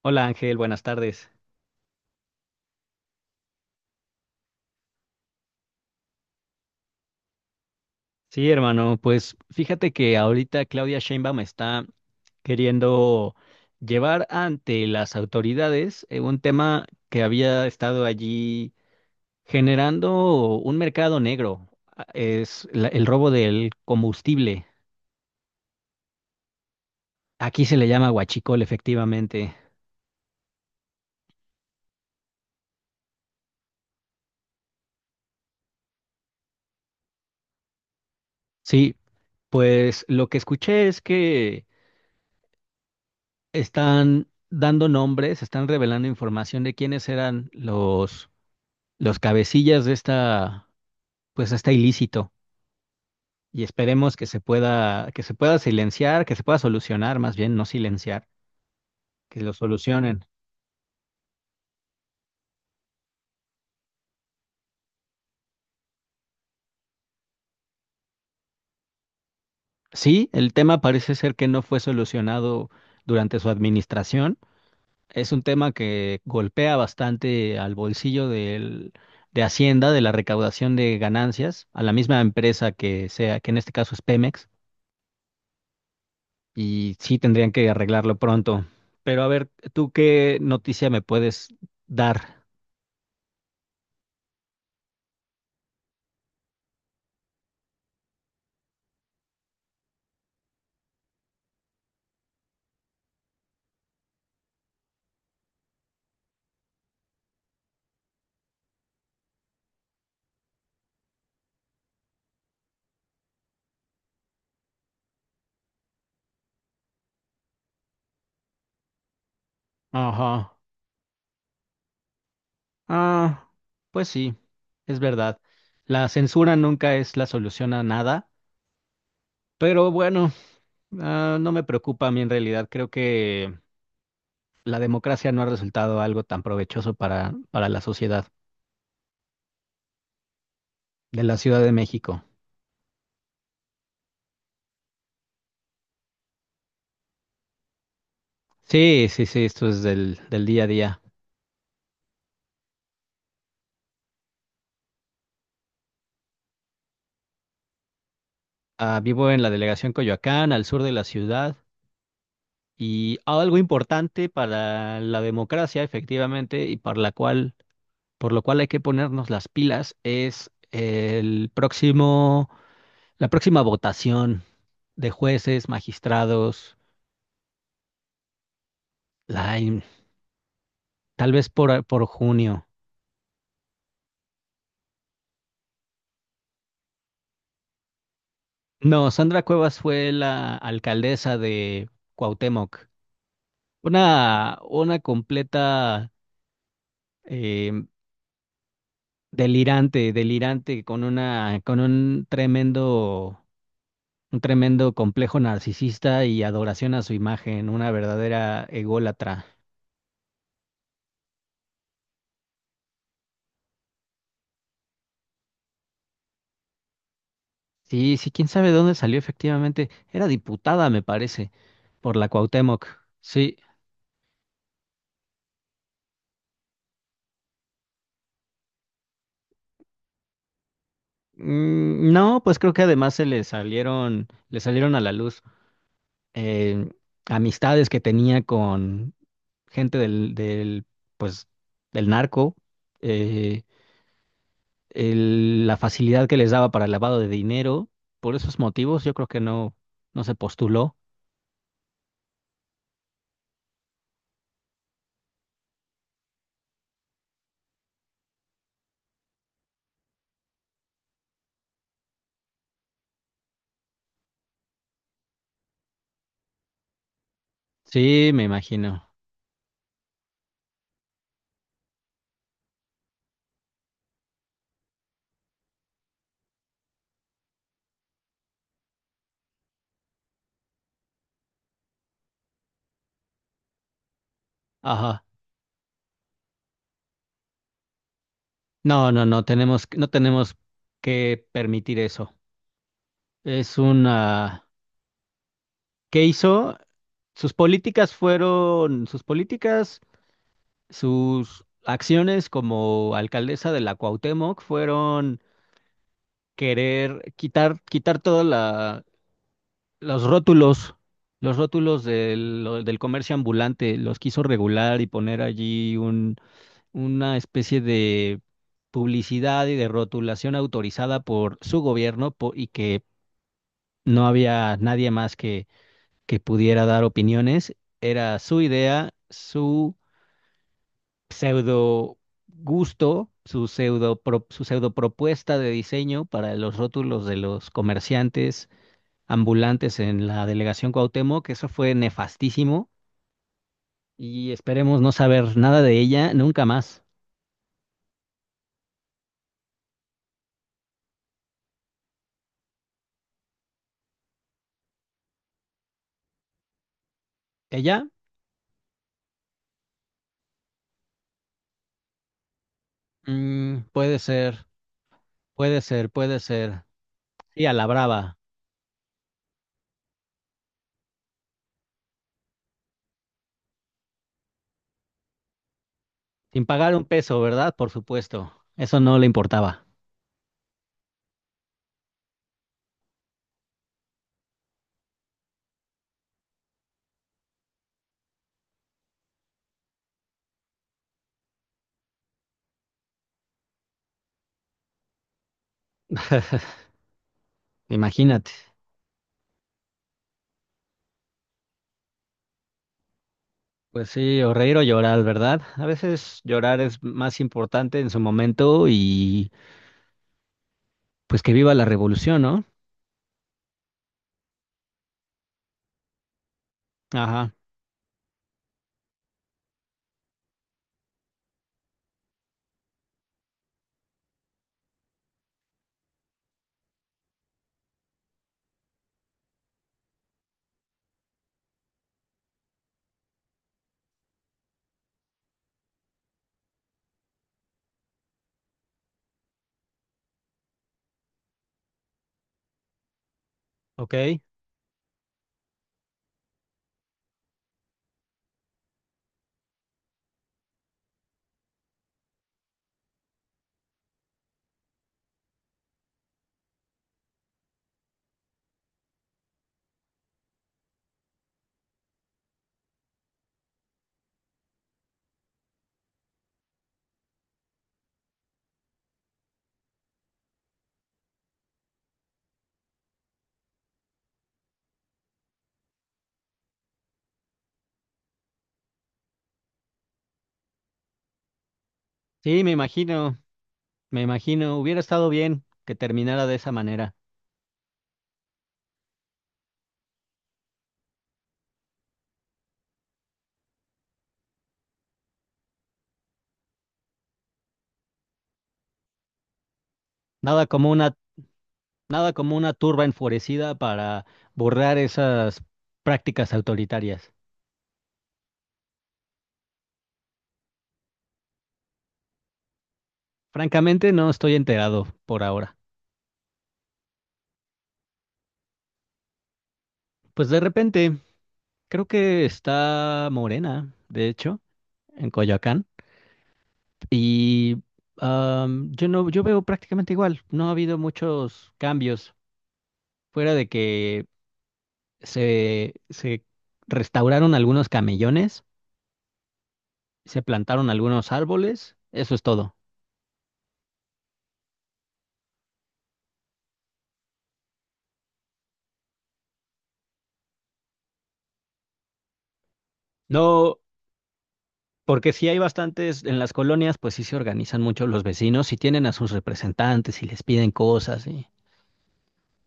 Hola Ángel, buenas tardes. Sí, hermano, pues fíjate que ahorita Claudia Sheinbaum está queriendo llevar ante las autoridades un tema que había estado allí generando un mercado negro, el robo del combustible. Aquí se le llama huachicol, efectivamente. Sí, pues lo que escuché es que están dando nombres, están revelando información de quiénes eran los cabecillas de esta, pues, está ilícito, y esperemos que se pueda silenciar, que se pueda solucionar, más bien no silenciar, que lo solucionen. Sí, el tema parece ser que no fue solucionado durante su administración. Es un tema que golpea bastante al bolsillo del, de Hacienda, de la recaudación de ganancias, a la misma empresa que sea, que en este caso es Pemex, y sí tendrían que arreglarlo pronto. Pero a ver, ¿tú qué noticia me puedes dar? Ajá. Ah, pues sí, es verdad. La censura nunca es la solución a nada, pero bueno, no me preocupa a mí en realidad. Creo que la democracia no ha resultado algo tan provechoso para la sociedad de la Ciudad de México. Sí, sí, sí, esto es del, del día a día. Ah, vivo en la delegación Coyoacán, al sur de la ciudad, y algo importante para la democracia, efectivamente, y para la cual por lo cual hay que ponernos las pilas, es el próximo, la próxima votación de jueces, magistrados, la in- tal vez por junio. No, Sandra Cuevas fue la alcaldesa de Cuauhtémoc. Una completa, eh, delirante, delirante, con una, con un tremendo complejo narcisista y adoración a su imagen, una verdadera ególatra. Sí, sí, quién sabe de dónde salió efectivamente. Era diputada, me parece, por la Cuauhtémoc. Sí. Mm, no, pues creo que además se le salieron a la luz, eh, amistades que tenía con gente del, del, pues, del narco, eh, la facilidad que les daba para el lavado de dinero. Por esos motivos, yo creo que no, no se postuló. Sí, me imagino. Ajá. No, no, no tenemos, no tenemos que permitir eso. Es una... ¿Qué hizo? Sus políticas fueron... Sus políticas, sus acciones como alcaldesa de la Cuauhtémoc fueron querer quitar, quitar todos los rótulos, los rótulos del, del comercio ambulante. Los quiso regular y poner allí un, una especie de publicidad y de rotulación autorizada por su gobierno y que no había nadie más que pudiera dar opiniones. Era su idea, su pseudo gusto, su pseudo, su pseudo propuesta de diseño para los rótulos de los comerciantes ambulantes en la delegación Cuauhtémoc, que eso fue nefastísimo y esperemos no saber nada de ella nunca más. Ella, mm, puede ser, puede ser, puede ser. Sí, a la brava, sin pagar un peso, ¿verdad? Por supuesto, eso no le importaba. Imagínate. Pues sí, o reír o llorar, ¿verdad? A veces llorar es más importante en su momento y pues que viva la revolución, ¿no? Ajá, ok. Sí, me imagino, hubiera estado bien que terminara de esa manera. Nada como una, nada como una turba enfurecida para borrar esas prácticas autoritarias. Francamente, no estoy enterado por ahora. Pues de repente, creo que está Morena, de hecho, en Coyoacán. Y yo no, yo veo prácticamente igual. No ha habido muchos cambios. Fuera de que se restauraron algunos camellones, se plantaron algunos árboles, eso es todo. No, porque sí hay bastantes en las colonias, pues sí se organizan mucho los vecinos y tienen a sus representantes y les piden cosas y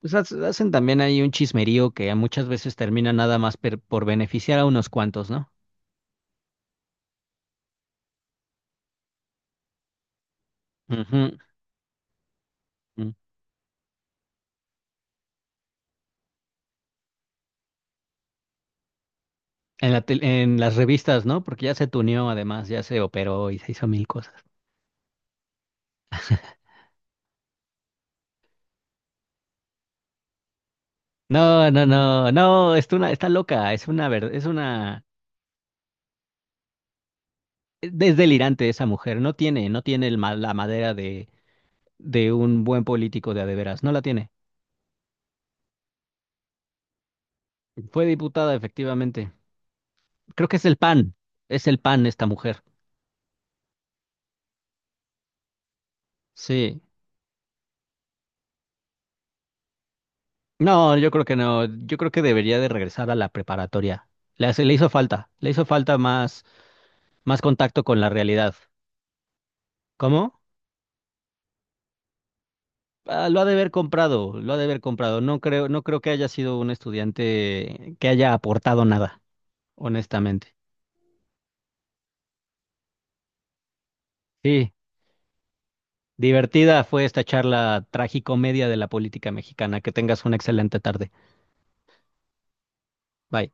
pues hacen también ahí un chismerío que muchas veces termina nada más por beneficiar a unos cuantos, ¿no? Ujú. En la en las revistas, ¿no? Porque ya se tuneó, además, ya se operó y se hizo mil cosas. No, no, no, no, es una, está loca, es una verdad, es una, es delirante esa mujer, no tiene, no tiene el la madera de un buen político de a de veras, no la tiene. Fue diputada, efectivamente. Creo que es el PAN, es el PAN esta mujer. Sí. No, yo creo que no, yo creo que debería de regresar a la preparatoria. Le hizo falta más, más contacto con la realidad. ¿Cómo? Ah, lo ha de haber comprado, lo ha de haber comprado. No creo, no creo que haya sido un estudiante que haya aportado nada, honestamente. Sí, divertida fue esta charla tragicomedia de la política mexicana. Que tengas una excelente tarde. Bye.